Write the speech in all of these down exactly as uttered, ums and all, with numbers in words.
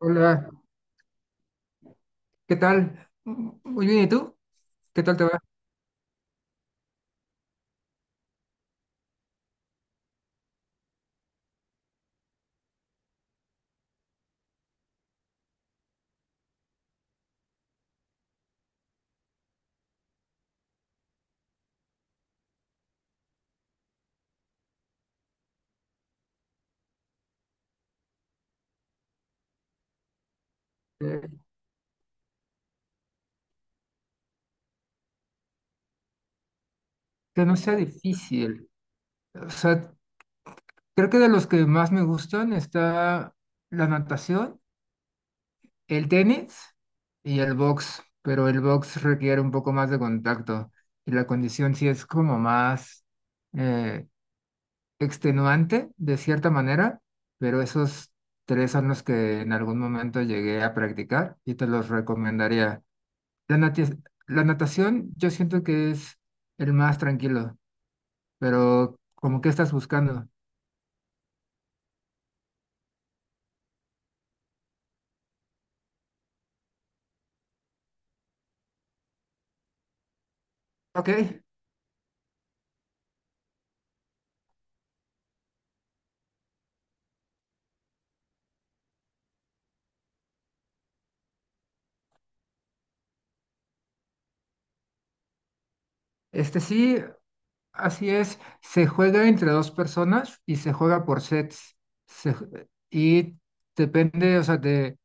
Hola, ¿qué tal? Mm, Muy bien, ¿y tú? ¿Qué tal te va? Eh, que no sea difícil. O sea, creo que de los que más me gustan está la natación, el tenis y el box, pero el box requiere un poco más de contacto y la condición sí es como más eh, extenuante de cierta manera, pero esos tres son los que en algún momento llegué a practicar y te los recomendaría. La natia- la natación yo siento que es el más tranquilo, pero como que estás buscando. Ok, este sí, así es. Se juega entre dos personas y se juega por sets. Se ju- y Depende, o sea, de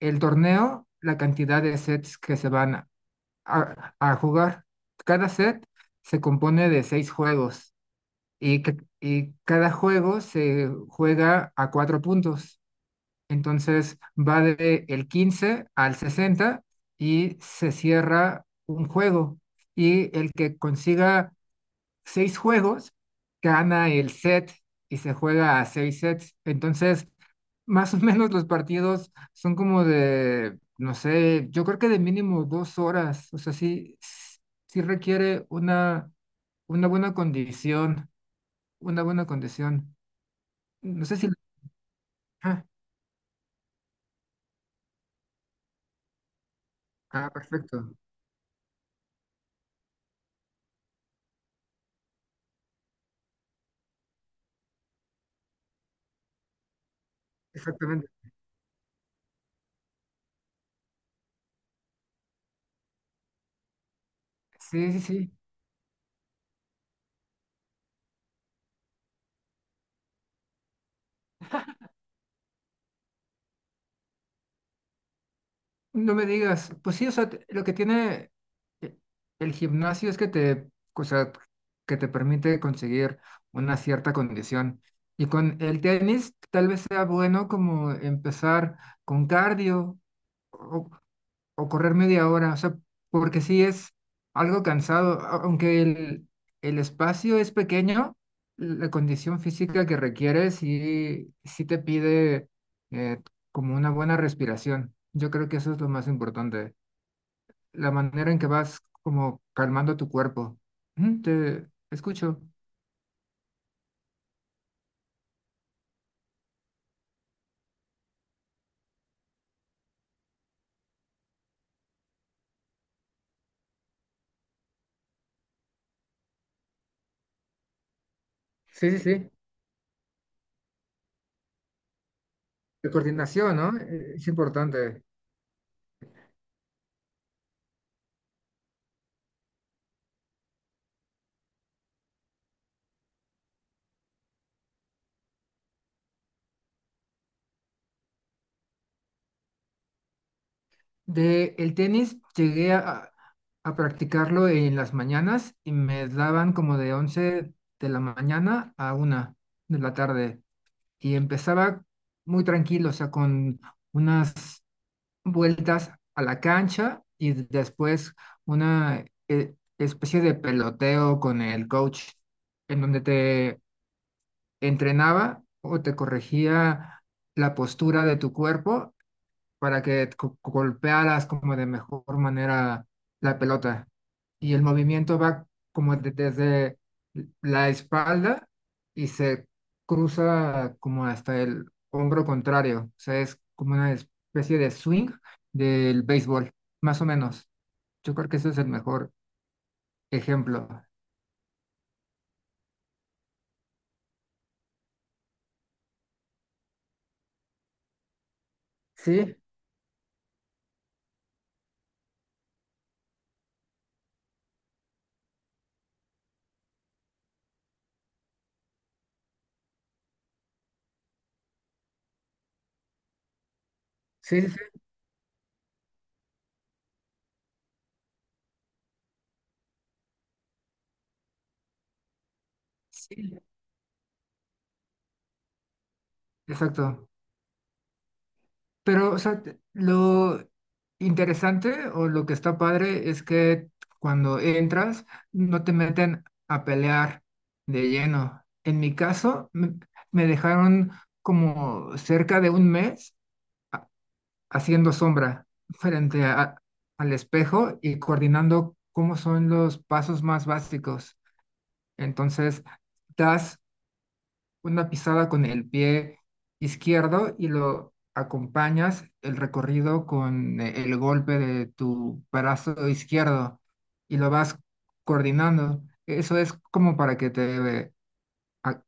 el torneo, la cantidad de sets que se van a, a- a jugar. Cada set se compone de seis juegos y, ca- y cada juego se juega a cuatro puntos. Entonces va de el quince al sesenta y se cierra un juego. Y el que consiga seis juegos gana el set y se juega a seis sets. Entonces, más o menos los partidos son como de, no sé, yo creo que de mínimo dos horas. O sea, sí, sí requiere una, una buena condición, una buena condición. No sé si... Ah, ah, perfecto, exactamente. Sí, sí, sí. No me digas, pues sí, o sea, te- lo que tiene e- el gimnasio es que te, o sea, que te permite conseguir una cierta condición. Y con el tenis tal vez sea bueno como empezar con cardio o, o correr media hora, o sea, porque sí es algo cansado, a- aunque el, el espacio es pequeño, la condición física que requiere sí, sí te pide eh, como una buena respiración. Yo creo que eso es lo más importante, la manera en que vas como calmando tu cuerpo. Ujú. Te escucho. Sí, sí, sí. La coordinación, ¿no? Eh, Es importante. De el tenis llegué a, a practicarlo en las mañanas y me daban como de once de la mañana a una de la tarde y empezaba muy tranquilo, o sea, con unas vueltas a la cancha y después una eh, especie de peloteo con el coach en donde te entrenaba o te corregía la postura de tu cuerpo para que co- golpearas como de mejor manera la pelota. Y el movimiento va como de- desde la espalda y se cruza como hasta el hombro contrario. O sea, es como una especie de swing del béisbol, más o menos. Yo creo que ese es el mejor ejemplo. Sí, sí, sí, sí, exacto. Pero, o sea, te- lo interesante o lo que está padre es que cuando entras no te meten a pelear de lleno. En mi caso, me, me dejaron como cerca de un mes haciendo sombra frente a- al espejo y coordinando cómo son los pasos más básicos. Entonces, das una pisada con el pie izquierdo y lo acompañas el recorrido con eh, el golpe de tu brazo izquierdo y lo vas coordinando. Eso es como para que te eh, a-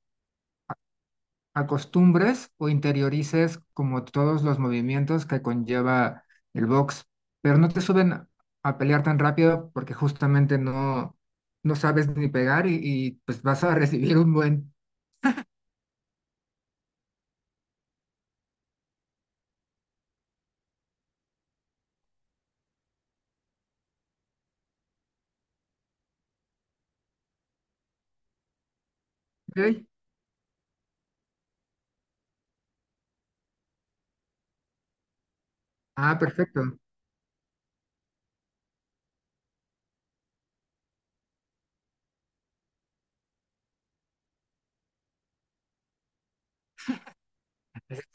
acostumbres o interiorices como todos los movimientos que conlleva el box, pero no te suben a pelear tan rápido porque justamente no, no sabes ni pegar y, y, pues vas a recibir un buen... Ok. Ah, perfecto. Es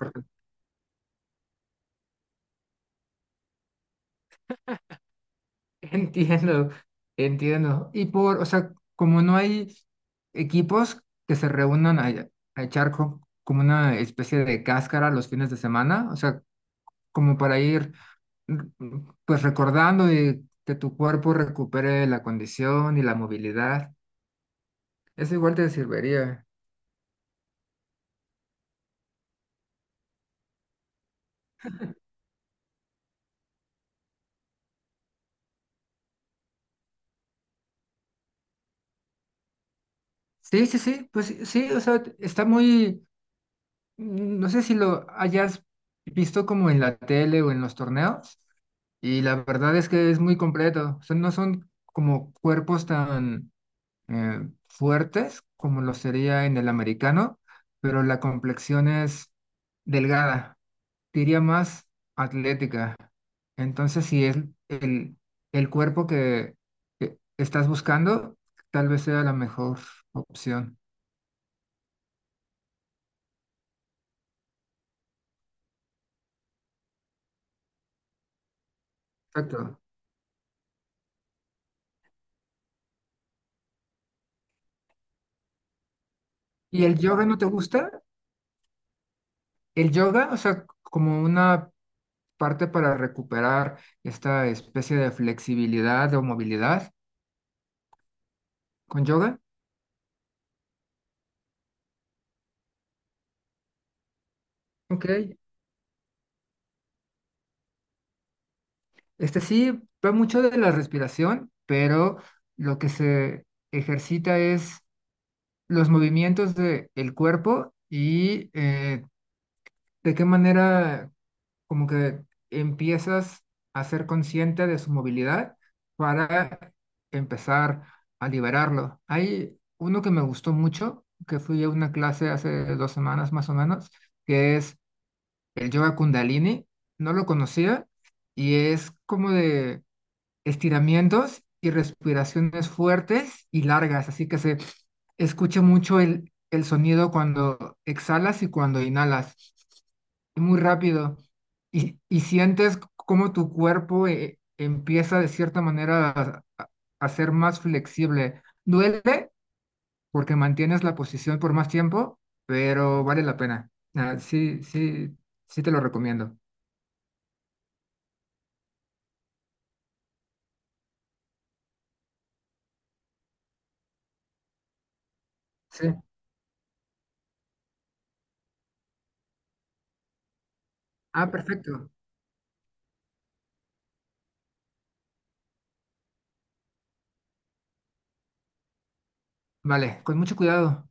Entiendo, entiendo. Y por, o sea, como no hay equipos que se reúnan a, a echar co- como una especie de cáscara los fines de semana, o sea, como para ir mm, pues recordando y que tu cuerpo recupere la condición y la movilidad, eso igual te serviría. Sí, sí, sí, pues sí, sí, o sea, está muy, mm, no sé si lo hayas visto como en la tele o en los torneos. Y la verdad es que es muy completo. O sea, no son como cuerpos tan eh, fuertes como lo sería en el americano, pero la complexión es delgada, diría más atlética. Entonces, si es el, el cuerpo que, que estás buscando, tal vez sea la mejor opción. Exacto. ¿Y el yoga no te gusta? El yoga, o sea, como una parte para recuperar esta especie de flexibilidad o movilidad con yoga. Ok, este sí va mucho de la respiración, pero lo que se ejercita es los movimientos del cuerpo y eh, de qué manera como que empiezas a ser consciente de su movilidad para empezar a liberarlo. Hay uno que me gustó mucho, que fui a una clase hace dos semanas más o menos, que es el yoga Kundalini. No lo conocía y es como de estiramientos y respiraciones fuertes y largas, así que se escucha mucho el, el sonido cuando exhalas y cuando inhalas, y muy rápido, y, y sientes cómo tu cuerpo eh, empieza de cierta manera a, a- a ser más flexible. Duele porque mantienes la posición por más tiempo, pero vale la pena. Ah, sí, sí, sí te lo recomiendo. Sí. Ah, perfecto. Vale, con mucho cuidado.